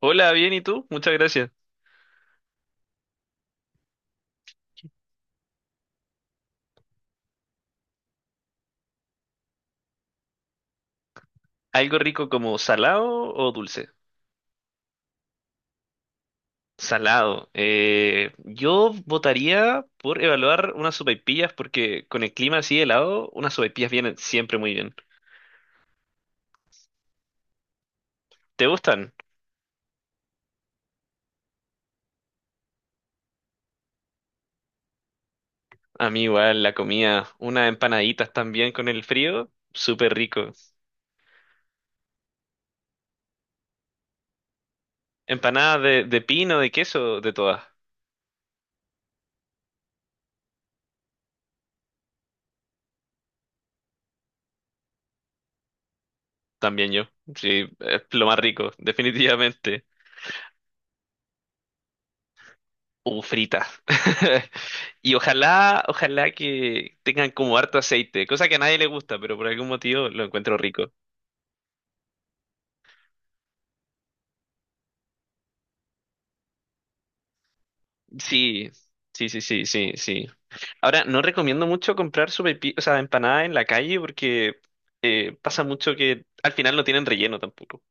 Hola, bien, ¿y tú? Muchas gracias. ¿Algo rico como salado o dulce? Salado. Yo votaría por evaluar unas sopaipillas porque con el clima así helado, unas sopaipillas vienen siempre muy bien. ¿Te gustan? A mí igual la comida, unas empanaditas también con el frío, súper rico. Empanadas de pino, de queso, de todas. También yo. Sí, es lo más rico, definitivamente. O fritas. Y ojalá que tengan como harto aceite, cosa que a nadie le gusta, pero por algún motivo lo encuentro rico. Sí, sí, sí, sí, sí, sí. Ahora, no recomiendo mucho comprar sopaipillas, o sea, empanadas en la calle porque pasa mucho que al final no tienen relleno tampoco.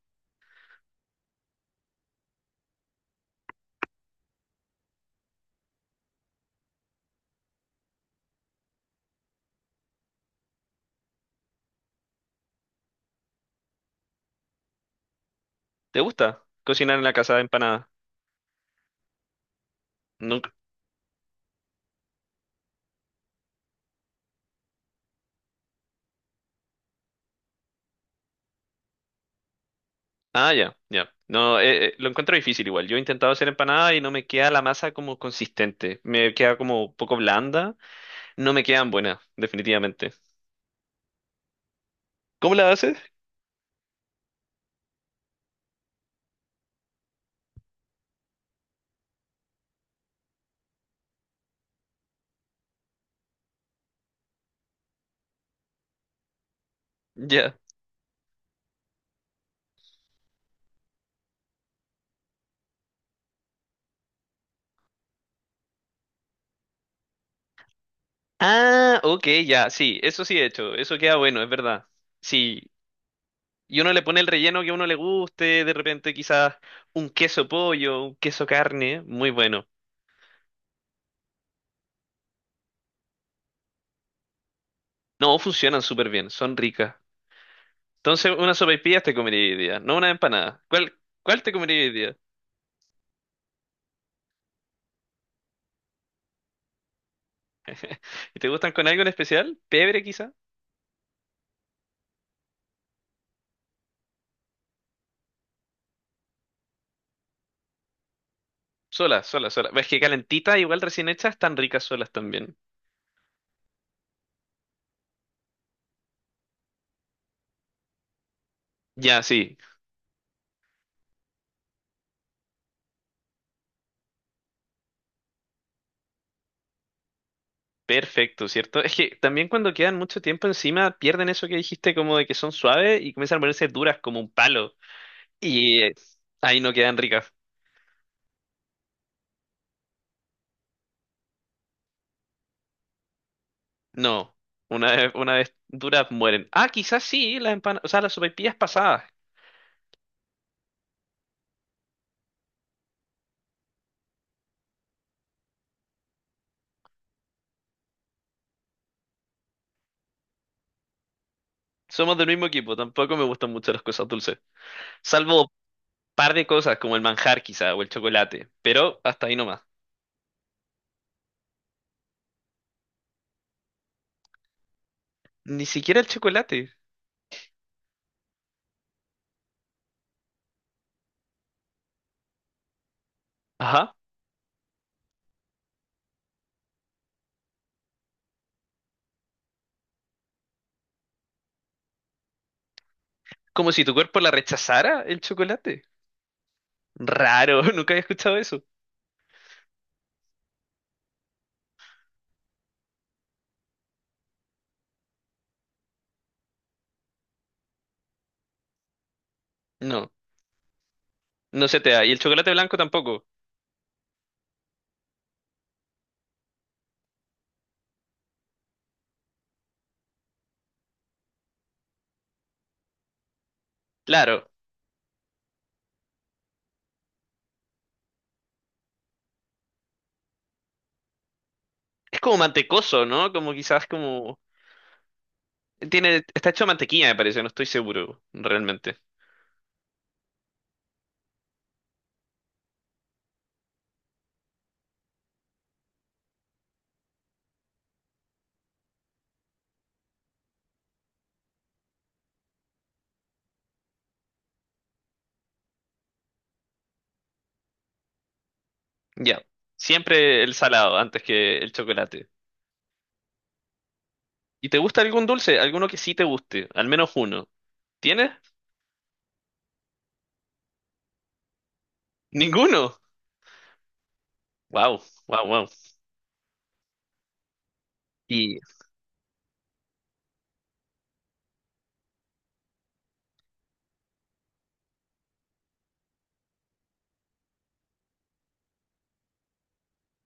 ¿Te gusta cocinar en la casa de empanadas? Nunca. Ah, ya, ya. No, lo encuentro difícil igual. Yo he intentado hacer empanada y no me queda la masa como consistente. Me queda como un poco blanda. No me quedan buenas, definitivamente. ¿Cómo la haces? Ya. Ah, ok, ya, sí, eso sí he hecho, eso queda bueno, es verdad. Sí, y uno le pone el relleno que a uno le guste, de repente quizás un queso pollo, un queso carne, muy bueno. No, funcionan súper bien, son ricas. Entonces, una sopaipillas te comería hoy día, no una empanada. ¿Cuál te comería hoy día? ¿Y te gustan con algo en especial? ¿Pebre quizá? Sola, sola, sola. Es que calentita, igual recién hecha, están ricas solas también. Ya, sí. Perfecto, ¿cierto? Es que también cuando quedan mucho tiempo encima pierden eso que dijiste como de que son suaves y comienzan a ponerse duras como un palo. Y ahí no quedan ricas. No, una vez duras mueren. Ah, quizás sí, las empanadas, o sea, las sopaipillas pasadas. Somos del mismo equipo, tampoco me gustan mucho las cosas dulces. Salvo un par de cosas como el manjar quizá o el chocolate, pero hasta ahí nomás. Ni siquiera el chocolate. Ajá. Como si tu cuerpo la rechazara el chocolate. Raro, nunca había escuchado eso. No. No se te da. Y el chocolate blanco tampoco. Claro. Es como mantecoso, ¿no? Como quizás como... Tiene... Está hecho de mantequilla, me parece. No estoy seguro, realmente. Ya. Siempre el salado antes que el chocolate. ¿Y te gusta algún dulce? Alguno que sí te guste. Al menos uno. ¿Tienes? Ninguno. Wow, wow, wow. Y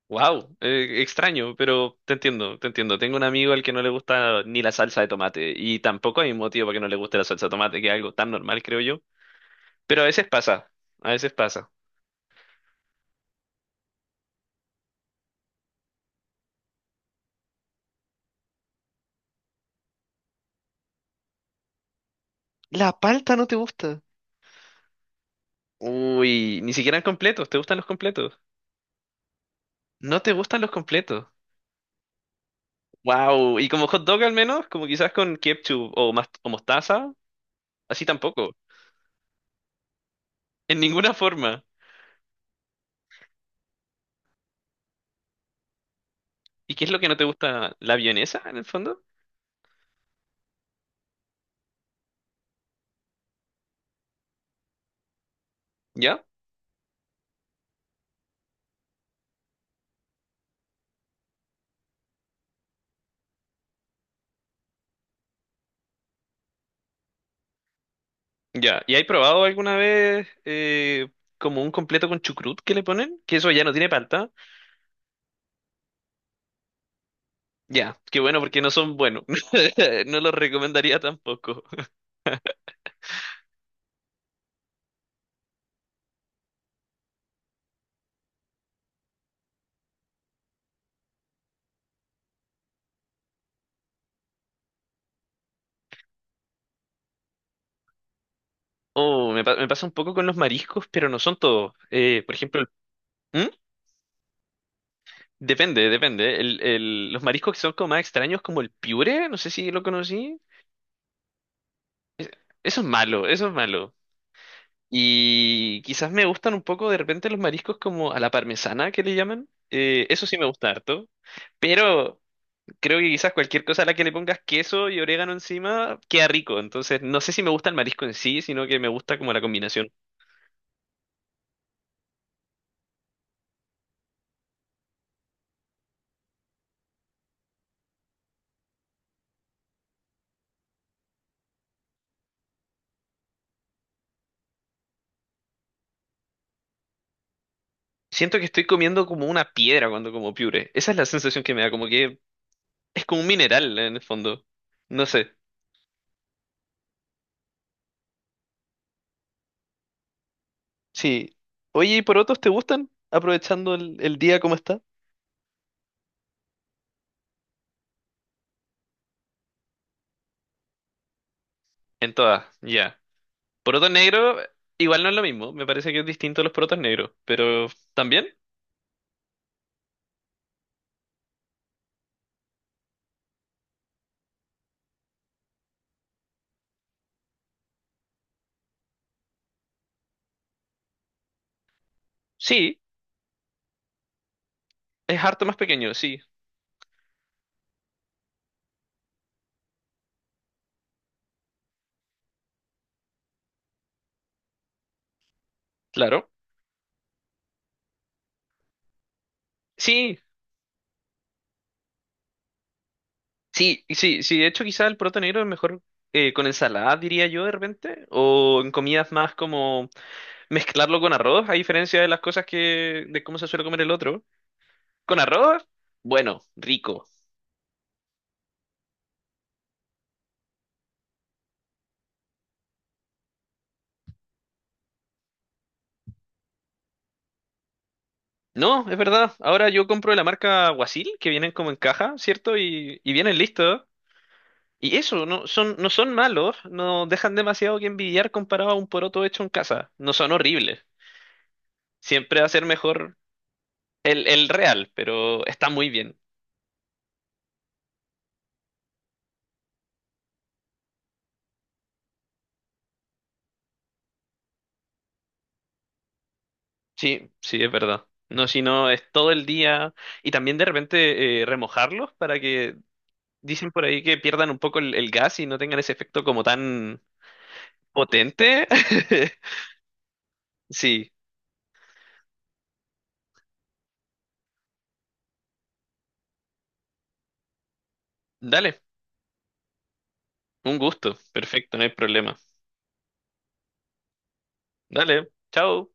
wow, extraño, pero te entiendo, te entiendo. Tengo un amigo al que no le gusta ni la salsa de tomate y tampoco hay un motivo para que no le guste la salsa de tomate, que es algo tan normal, creo yo. Pero a veces pasa, a veces pasa. La palta no te gusta. Uy, ni siquiera completos, ¿te gustan los completos? No te gustan los completos. Wow, y como hot dog al menos, como quizás con ketchup o, mas- o mostaza, así tampoco, en ninguna forma. ¿Y qué es lo que no te gusta? ¿La vienesa en el fondo? ¿Ya? Ya. ¿Y hay probado alguna vez como un completo con chucrut que le ponen? Que eso ya no tiene palta. Ya, qué bueno porque no son buenos. No los recomendaría tampoco. Oh, me, pa- me pasa un poco con los mariscos, pero no son todos. Por ejemplo, ¿Mm? Depende, depende. Los mariscos que son como más extraños, como el piure, no sé si lo conocí. Eso es malo, eso es malo. Y quizás me gustan un poco de repente los mariscos como a la parmesana que le llaman. Eso sí me gusta harto. Pero creo que quizás cualquier cosa a la que le pongas queso y orégano encima queda rico. Entonces no sé si me gusta el marisco en sí, sino que me gusta como la combinación. Siento que estoy comiendo como una piedra cuando como piure. Esa es la sensación que me da, como que es como un mineral en el fondo. No sé. Sí. Oye, ¿y porotos te gustan? Aprovechando el día como está. En todas, ya. Poroto negro, igual no es lo mismo. Me parece que es distinto a los porotos negros. Pero también, sí. Es harto más pequeño, sí. Claro. Sí, sí, y sí, sí. De hecho, quizá el poroto negro es mejor con ensalada, diría yo, de repente. O en comidas más como mezclarlo con arroz, a diferencia de las cosas que, de cómo se suele comer el otro. Con arroz, bueno, rico. No, es verdad. Ahora yo compro de la marca Guasil, que vienen como en caja, ¿cierto? Y vienen listos. Y eso, no son, no son malos, no dejan demasiado que envidiar comparado a un poroto hecho en casa. No son horribles. Siempre va a ser mejor el real, pero está muy bien. Sí, sí, es verdad. No, si no, es todo el día. Y también de repente remojarlos para que, dicen por ahí que pierdan un poco el gas y no tengan ese efecto como tan potente. Sí, dale. Un gusto, perfecto, no hay problema. Dale, chao.